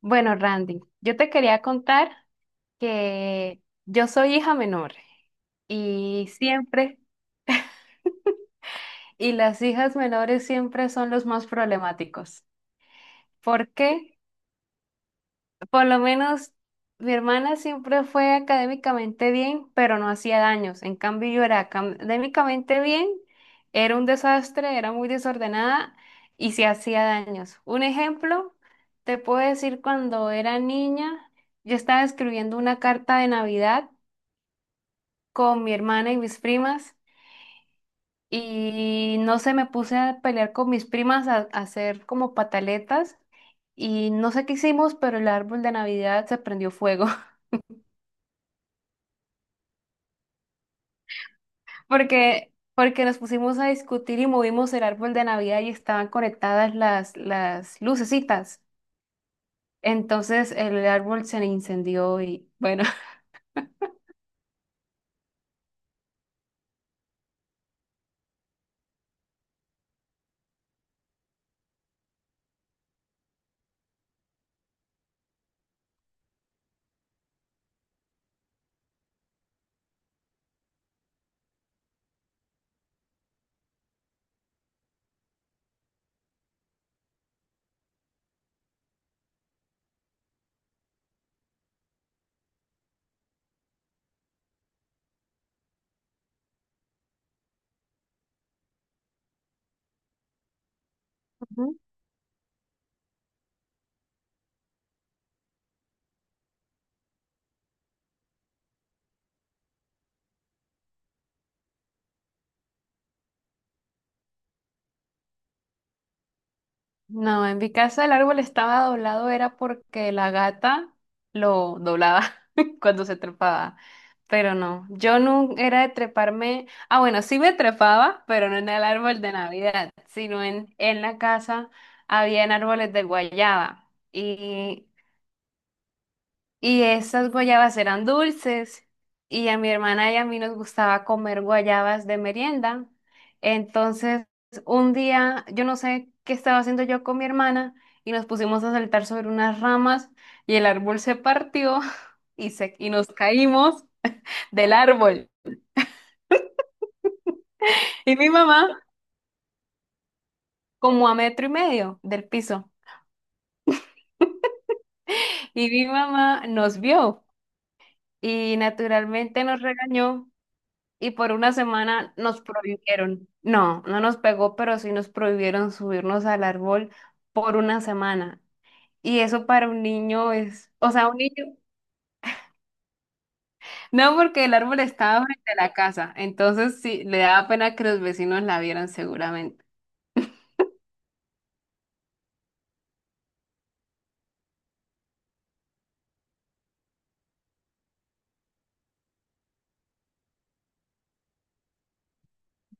Bueno, Randy, yo te quería contar que yo soy hija menor y siempre, y las hijas menores siempre son los más problemáticos. ¿Por qué? Por lo menos mi hermana siempre fue académicamente bien, pero no hacía daños. En cambio, yo era académicamente bien, era un desastre, era muy desordenada y se hacía daños. Un ejemplo, te puedo decir cuando era niña, yo estaba escribiendo una carta de Navidad con mi hermana y mis primas y no sé, me puse a pelear con mis primas a hacer como pataletas y no sé qué hicimos, pero el árbol de Navidad se prendió fuego porque nos pusimos a discutir y movimos el árbol de Navidad y estaban conectadas las lucecitas. Entonces el árbol se incendió y bueno, no, en mi casa el árbol estaba doblado, era porque la gata lo doblaba cuando se trepaba. Pero no, yo no era de treparme. Ah, bueno, sí me trepaba, pero no en el árbol de Navidad, sino en la casa habían árboles de guayaba. Y esas guayabas eran dulces y a mi hermana y a mí nos gustaba comer guayabas de merienda. Entonces, un día, yo no sé qué estaba haciendo yo con mi hermana y nos pusimos a saltar sobre unas ramas y el árbol se partió y, se, y nos caímos del árbol. Y mi mamá, como a metro y medio del piso, y mi mamá nos vio y naturalmente nos regañó y por una semana nos prohibieron. No, no nos pegó, pero sí nos prohibieron subirnos al árbol por una semana. Y eso para un niño es, o sea, un niño, no porque el árbol estaba frente a la casa, entonces sí, le daba pena que los vecinos la vieran seguramente.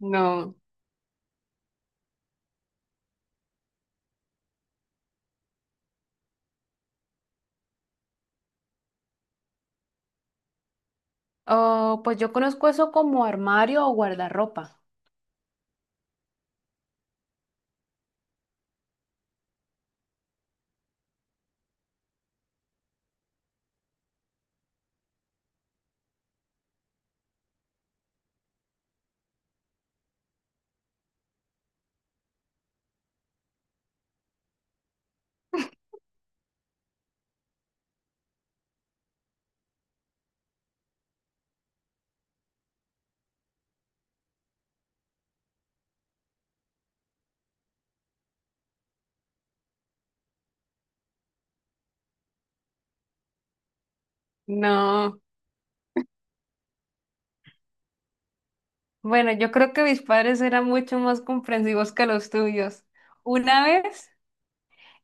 No. Oh, pues yo conozco eso como armario o guardarropa. No, bueno, yo creo que mis padres eran mucho más comprensivos que los tuyos. Una vez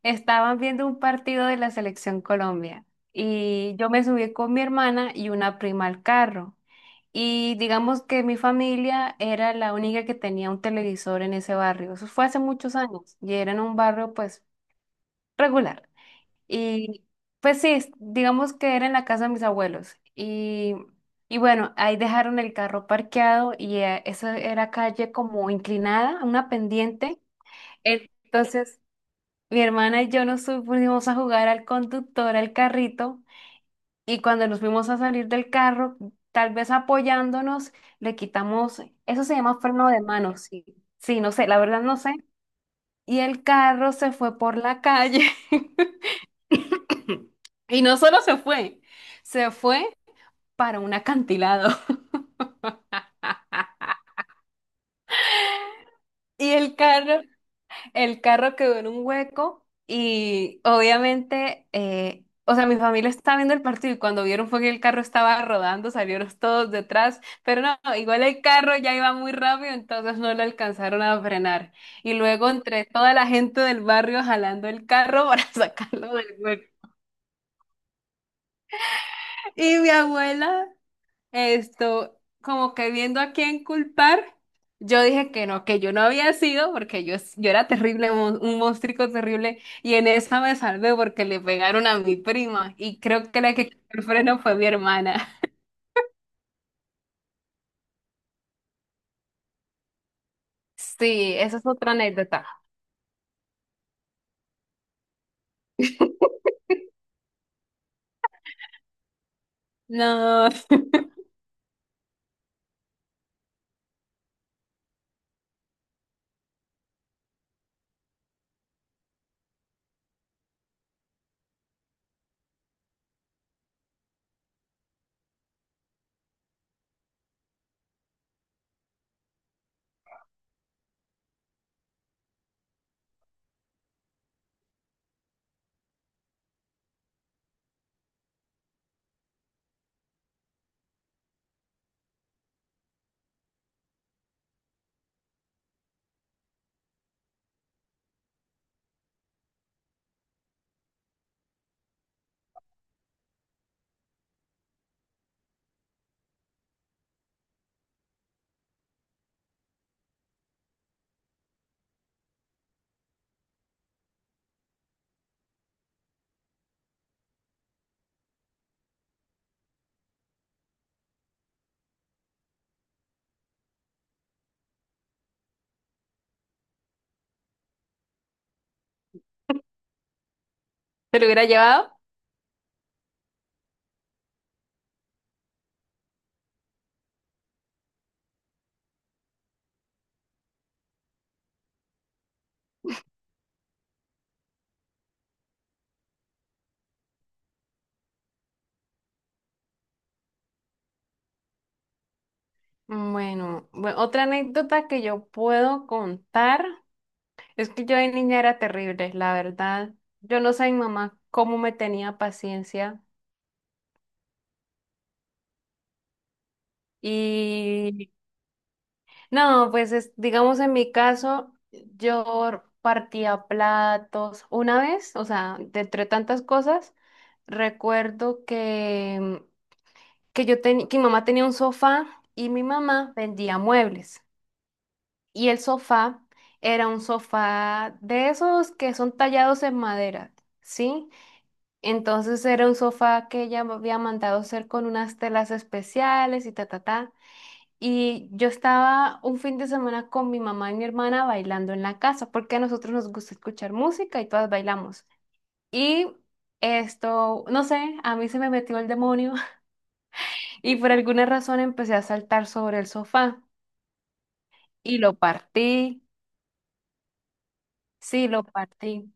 estaban viendo un partido de la selección Colombia y yo me subí con mi hermana y una prima al carro. Y digamos que mi familia era la única que tenía un televisor en ese barrio. Eso fue hace muchos años y era en un barrio pues regular. Y pues sí, digamos que era en la casa de mis abuelos. Y bueno, ahí dejaron el carro parqueado y esa era calle como inclinada, una pendiente. Entonces, mi hermana y yo nos fuimos a jugar al conductor, al carrito, y cuando nos fuimos a salir del carro, tal vez apoyándonos, le quitamos, eso se llama freno de mano, sí, sí, no sé, la verdad no sé. Y el carro se fue por la calle. Y no solo se fue para un acantilado. Y el carro, el carro quedó en un hueco y obviamente, o sea, mi familia estaba viendo el partido y cuando vieron fue que el carro estaba rodando, salieron todos detrás, pero no, igual el carro ya iba muy rápido, entonces no lo alcanzaron a frenar. Y luego entre toda la gente del barrio jalando el carro para sacarlo del hueco. Y mi abuela, esto, como que viendo a quién culpar, yo dije que no, que yo no había sido, porque yo era terrible, un monstruo terrible, y en esa me salvé porque le pegaron a mi prima, y creo que la que quitó el freno fue mi hermana. Sí, esa es otra anécdota. No, ¿te lo hubiera llevado? Bueno, otra anécdota que yo puedo contar es que yo de niña era terrible, la verdad. Yo no sé mi mamá cómo me tenía paciencia. Y no, pues digamos en mi caso, yo partía platos una vez, o sea, de entre tantas cosas, recuerdo que yo tenía, que mi mamá tenía un sofá y mi mamá vendía muebles. Y el sofá era un sofá de esos que son tallados en madera, ¿sí? Entonces era un sofá que ella me había mandado hacer con unas telas especiales y ta, ta, ta. Y yo estaba un fin de semana con mi mamá y mi hermana bailando en la casa, porque a nosotros nos gusta escuchar música y todas bailamos. Y esto, no sé, a mí se me metió el demonio y por alguna razón empecé a saltar sobre el sofá y lo partí, sí, lo partí.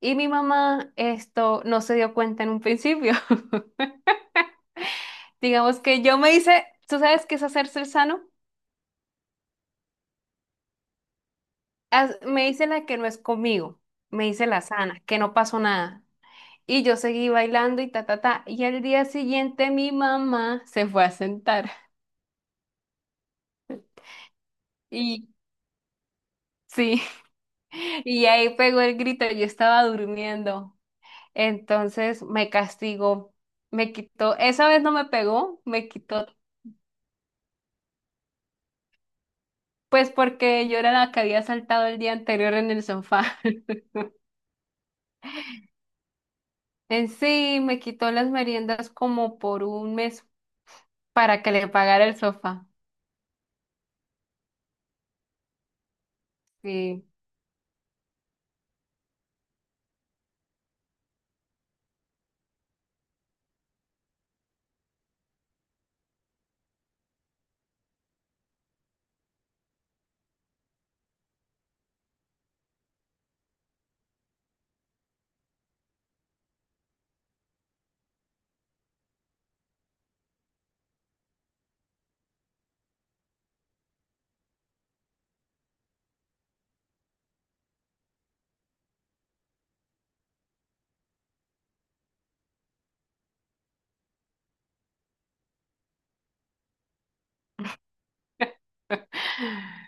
Y mi mamá esto no se dio cuenta en un principio. Digamos que yo me hice, ¿tú sabes qué es hacerse el sano? Me hice la que no es conmigo, me hice la sana, que no pasó nada. Y yo seguí bailando y ta, ta, ta. Y al día siguiente mi mamá se fue a sentar. Y sí, y ahí pegó el grito, yo estaba durmiendo. Entonces me castigó, me quitó, esa vez no me pegó, me quitó, pues porque yo era la que había saltado el día anterior en el sofá. En sí, me quitó las meriendas como por un mes para que le pagara el sofá. Sí.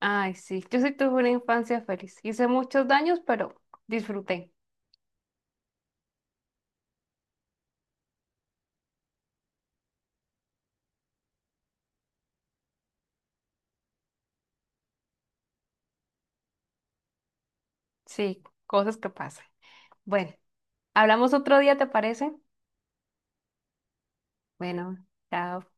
Ay, sí, yo sí tuve una infancia feliz. Hice muchos daños, pero disfruté. Sí, cosas que pasan. Bueno, hablamos otro día, ¿te parece? Bueno, chao.